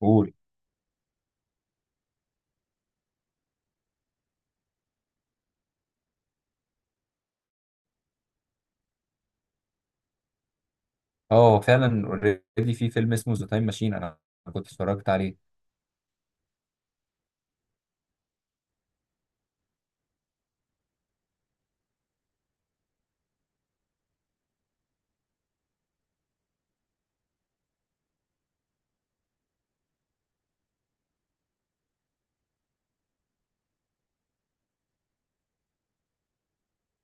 قول. اه، فعلا اوريدي في فيلم اسمه ذا تايم ماشين. انا كنت اتفرجت عليه.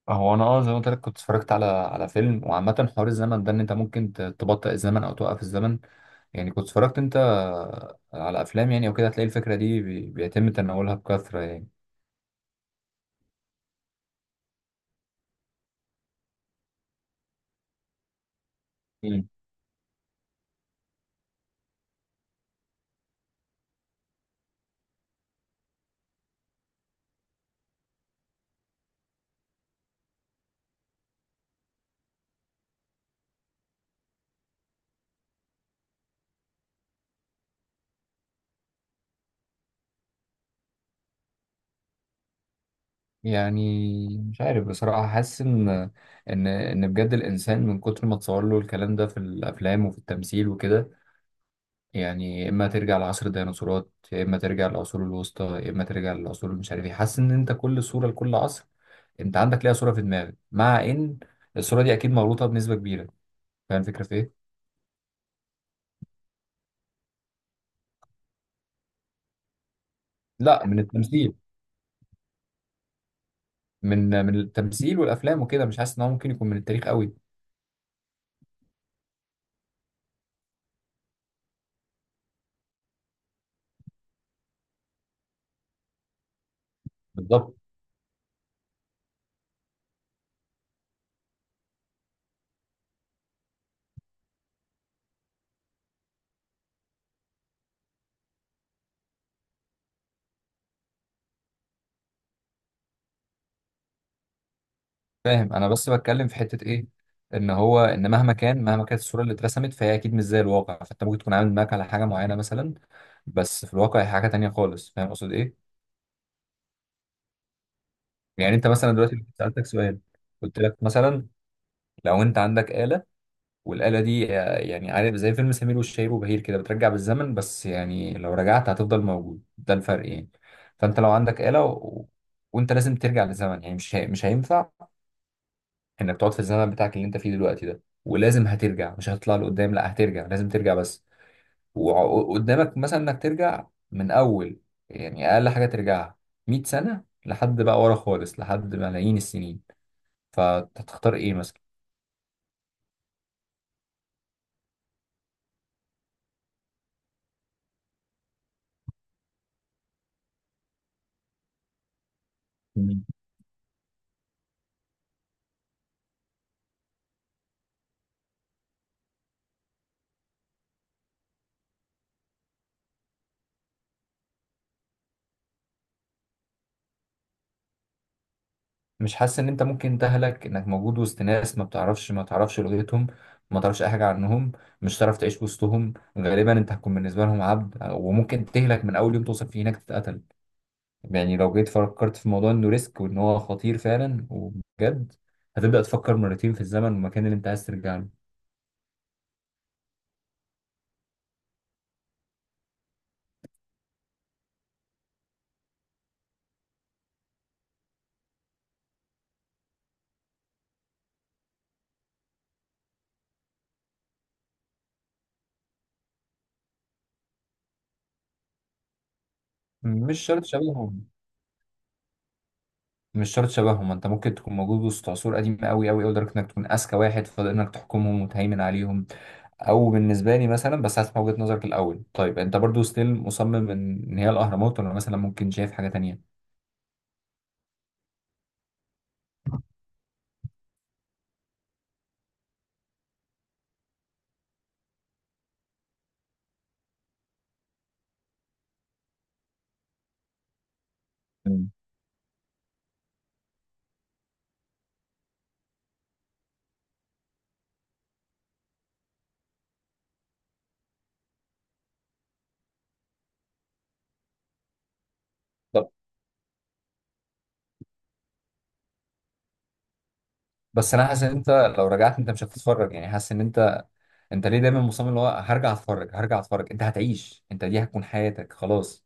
هو انا، زي ما قلت لك، كنت اتفرجت على فيلم. وعامة حوار الزمن ده ان انت ممكن تبطئ الزمن او توقف الزمن، يعني. كنت اتفرجت انت على افلام يعني، او كده هتلاقي الفكرة دي بيتم تناولها بكثرة يعني. مم. يعني مش عارف بصراحة، حاسس ان بجد الانسان من كتر ما تصور له الكلام ده في الافلام وفي التمثيل وكده، يعني يا اما ترجع لعصر الديناصورات، يا اما ترجع للعصور الوسطى، يا اما ترجع للعصور مش عارف ايه. حاسس ان انت كل صوره لكل عصر انت عندك ليها صوره في دماغك، مع ان الصوره دي اكيد مغلوطه بنسبه كبيره. فاهم الفكره في ايه؟ لا، من التمثيل. من التمثيل والافلام وكده. مش حاسس ان هو ممكن يكون من التاريخ قوي. بالظبط. فاهم، انا بس بتكلم في حته ايه، ان هو ان مهما كانت الصوره اللي اترسمت فهي اكيد مش زي الواقع، فانت ممكن تكون عامل دماغك على حاجه معينه مثلا، بس في الواقع هي حاجه تانية خالص. فاهم اقصد ايه؟ يعني انت مثلا دلوقتي سألتك سؤال، قلت لك مثلا، لو انت عندك آلة، والآلة دي يعني عارف زي فيلم سمير وشهير وبهير كده، بترجع بالزمن، بس يعني لو رجعت هتفضل موجود، ده الفرق يعني. فانت لو عندك آلة وانت لازم ترجع للزمن، يعني مش هينفع انك تقعد في الزمن بتاعك اللي انت فيه دلوقتي ده، ولازم هترجع. مش هتطلع لقدام، لا هترجع، لازم ترجع بس. وقدامك مثلا انك ترجع من اول، يعني اقل حاجة ترجعها 100 سنة، لحد بقى ورا خالص لحد ملايين السنين. فتختار ايه مثلا؟ مم. مش حاسس ان انت ممكن تهلك، انك موجود وسط ناس ما بتعرفش، ما تعرفش لغتهم، ما تعرفش اي حاجه عنهم، مش هتعرف تعيش وسطهم. غالبا انت هتكون بالنسبه لهم عبد، وممكن تهلك من اول يوم توصل فيه هناك، تتقتل يعني. لو جيت فكرت في موضوع انه ريسك وان هو خطير فعلا وبجد، هتبدا تفكر مرتين في الزمن والمكان اللي انت عايز ترجع له. مش شرط شبههم، مش شرط شبههم. انت ممكن تكون موجود وسط عصور قديمه قوي قوي قوي، لدرجه انك تكون اذكى واحد فاضل، انك تحكمهم وتهيمن عليهم. او بالنسبه لي مثلا، بس هسمع وجهه نظرك الاول. طيب انت برضو ستيل مصمم ان هي الاهرامات، ولا مثلا ممكن شايف حاجه تانية؟ مم. طب بس انا حاسس ان انت لو رجعت انت مش هتتفرج، يعني حاسس ان انت ليه دايما مصمم اللي هو هرجع اتفرج، هرجع اتفرج. انت هتعيش، انت دي هتكون حياتك خلاص.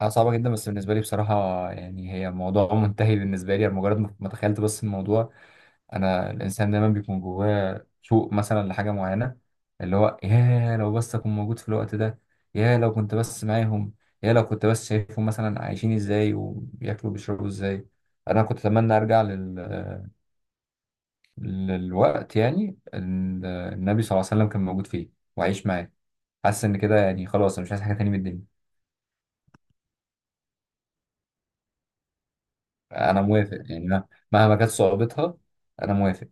حاجه صعبه جدا بس بالنسبه لي بصراحه. يعني هي موضوع منتهي بالنسبه لي. أنا مجرد ما تخيلت بس الموضوع، انا الانسان دايما بيكون جواه شوق مثلا لحاجه معينه، اللي هو يا لو بس اكون موجود في الوقت ده، يا لو كنت بس معاهم، يا لو كنت بس شايفهم مثلا عايشين ازاي وبياكلوا بيشربوا ازاي. انا كنت اتمنى للوقت يعني النبي صلى الله عليه وسلم كان موجود فيه واعيش معاه. حاسس ان كده يعني خلاص انا مش عايز حاجه تاني من الدنيا. انا موافق، يعني مهما كانت صعوبتها، انا موافق.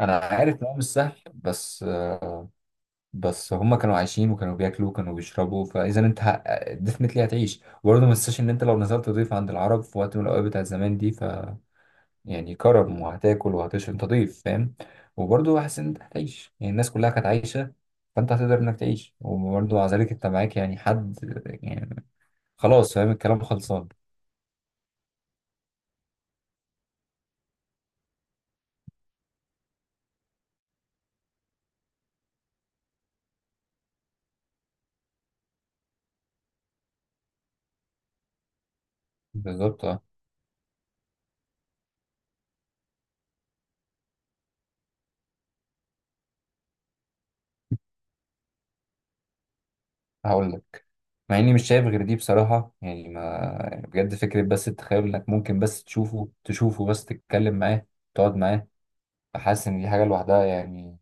انا عارف ان هو مش سهل، بس هما كانوا عايشين وكانوا بياكلوا وكانوا بيشربوا، فاذا انت ديفنتلي هتعيش. وبرضه ما تنساش ان انت لو نزلت ضيف عند العرب في وقت من الاوقات بتاع زمان دي، ف يعني كرم، وهتاكل وهتشرب، انت ضيف فاهم. وبرضه حاسس ان انت هتعيش، يعني الناس كلها كانت عايشه، فانت هتقدر انك تعيش. وبرضه مع ذلك انت معاك يعني حد يعني، خلاص فاهم الكلام خلصان. بالظبط اه. هقول لك، مع اني مش شايف غير دي بصراحه يعني، ما بجد فكره. بس التخيل انك ممكن بس تشوفه، بس تتكلم معاه، تقعد معاه، حاسس ان دي حاجه لوحدها يعني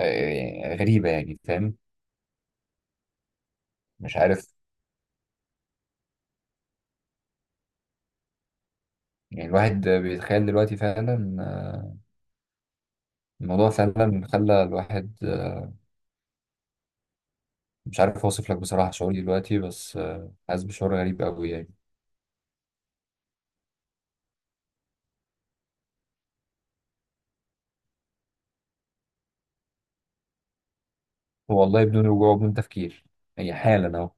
غريبه يعني، فاهم. مش عارف، يعني الواحد بيتخيل دلوقتي فعلا، الموضوع فعلا خلى الواحد، مش عارف اوصف لك بصراحه شعوري دلوقتي، بس حاسس بشعور غريب قوي يعني. والله بدون رجوع وبدون تفكير، هي حالا اهو.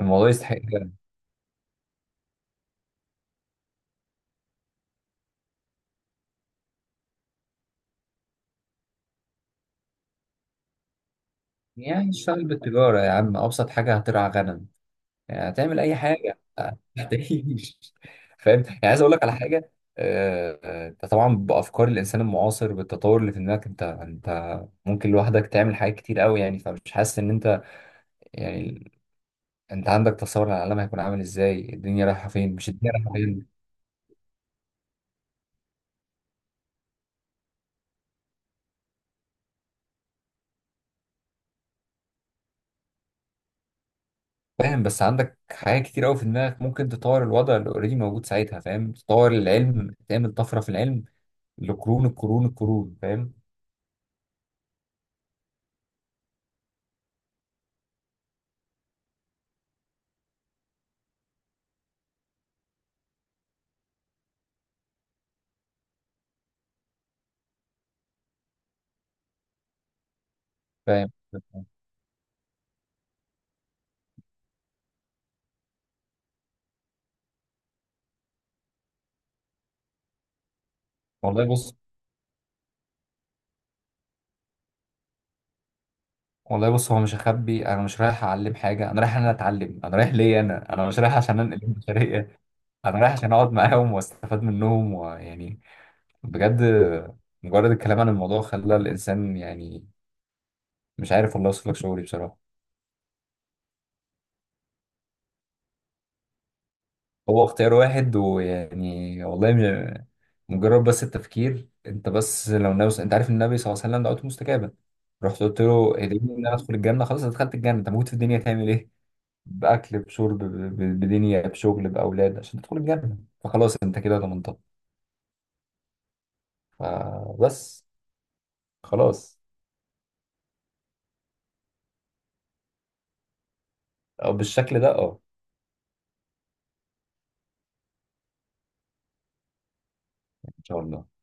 الموضوع يستحق فعلاً. يعني اشتغل بالتجاره يا عم، ابسط حاجه هترعى غنم. يعني هتعمل اي حاجه، هتعيش فاهم. يعني عايز اقول لك على حاجه، انت طبعا بافكار الانسان المعاصر بالتطور اللي في دماغك، انت ممكن لوحدك تعمل حاجات كتير قوي، يعني فمش حاسس ان انت، يعني انت عندك تصور عن العالم هيكون عامل ازاي، الدنيا رايحه فين مش الدنيا رايحه فين. فاهم بس عندك حاجات كتير قوي في دماغك ممكن تطور الوضع اللي اوريدي موجود ساعتها، فاهم، تطور العلم، تعمل طفره في العلم لقرون، القرون القرون فاهم. فاهم. والله بص، هو مش هخبي. انا مش رايح اعلم حاجه، انا رايح إن انا اتعلم. انا رايح ليا، انا مش رايح عشان انقل البشريه. انا رايح عشان اقعد معاهم واستفاد منهم، ويعني بجد مجرد الكلام عن الموضوع خلى الانسان يعني مش عارف والله اوصف لك شعوري بصراحه. هو اختيار واحد، ويعني والله مجرد بس التفكير. انت بس لو ناوي، انت عارف النبي صلى الله عليه وسلم دعوته مستجابه، رحت قلت له ادعيني ان انا ادخل الجنه، خلاص أنا دخلت الجنه، انت موجود في الدنيا تعمل ايه، باكل بشرب بدنيا، بشغل، باولاد عشان تدخل الجنه، فخلاص انت كده ضمنتها فبس، خلاص. او بالشكل ده اه. ان شاء الله.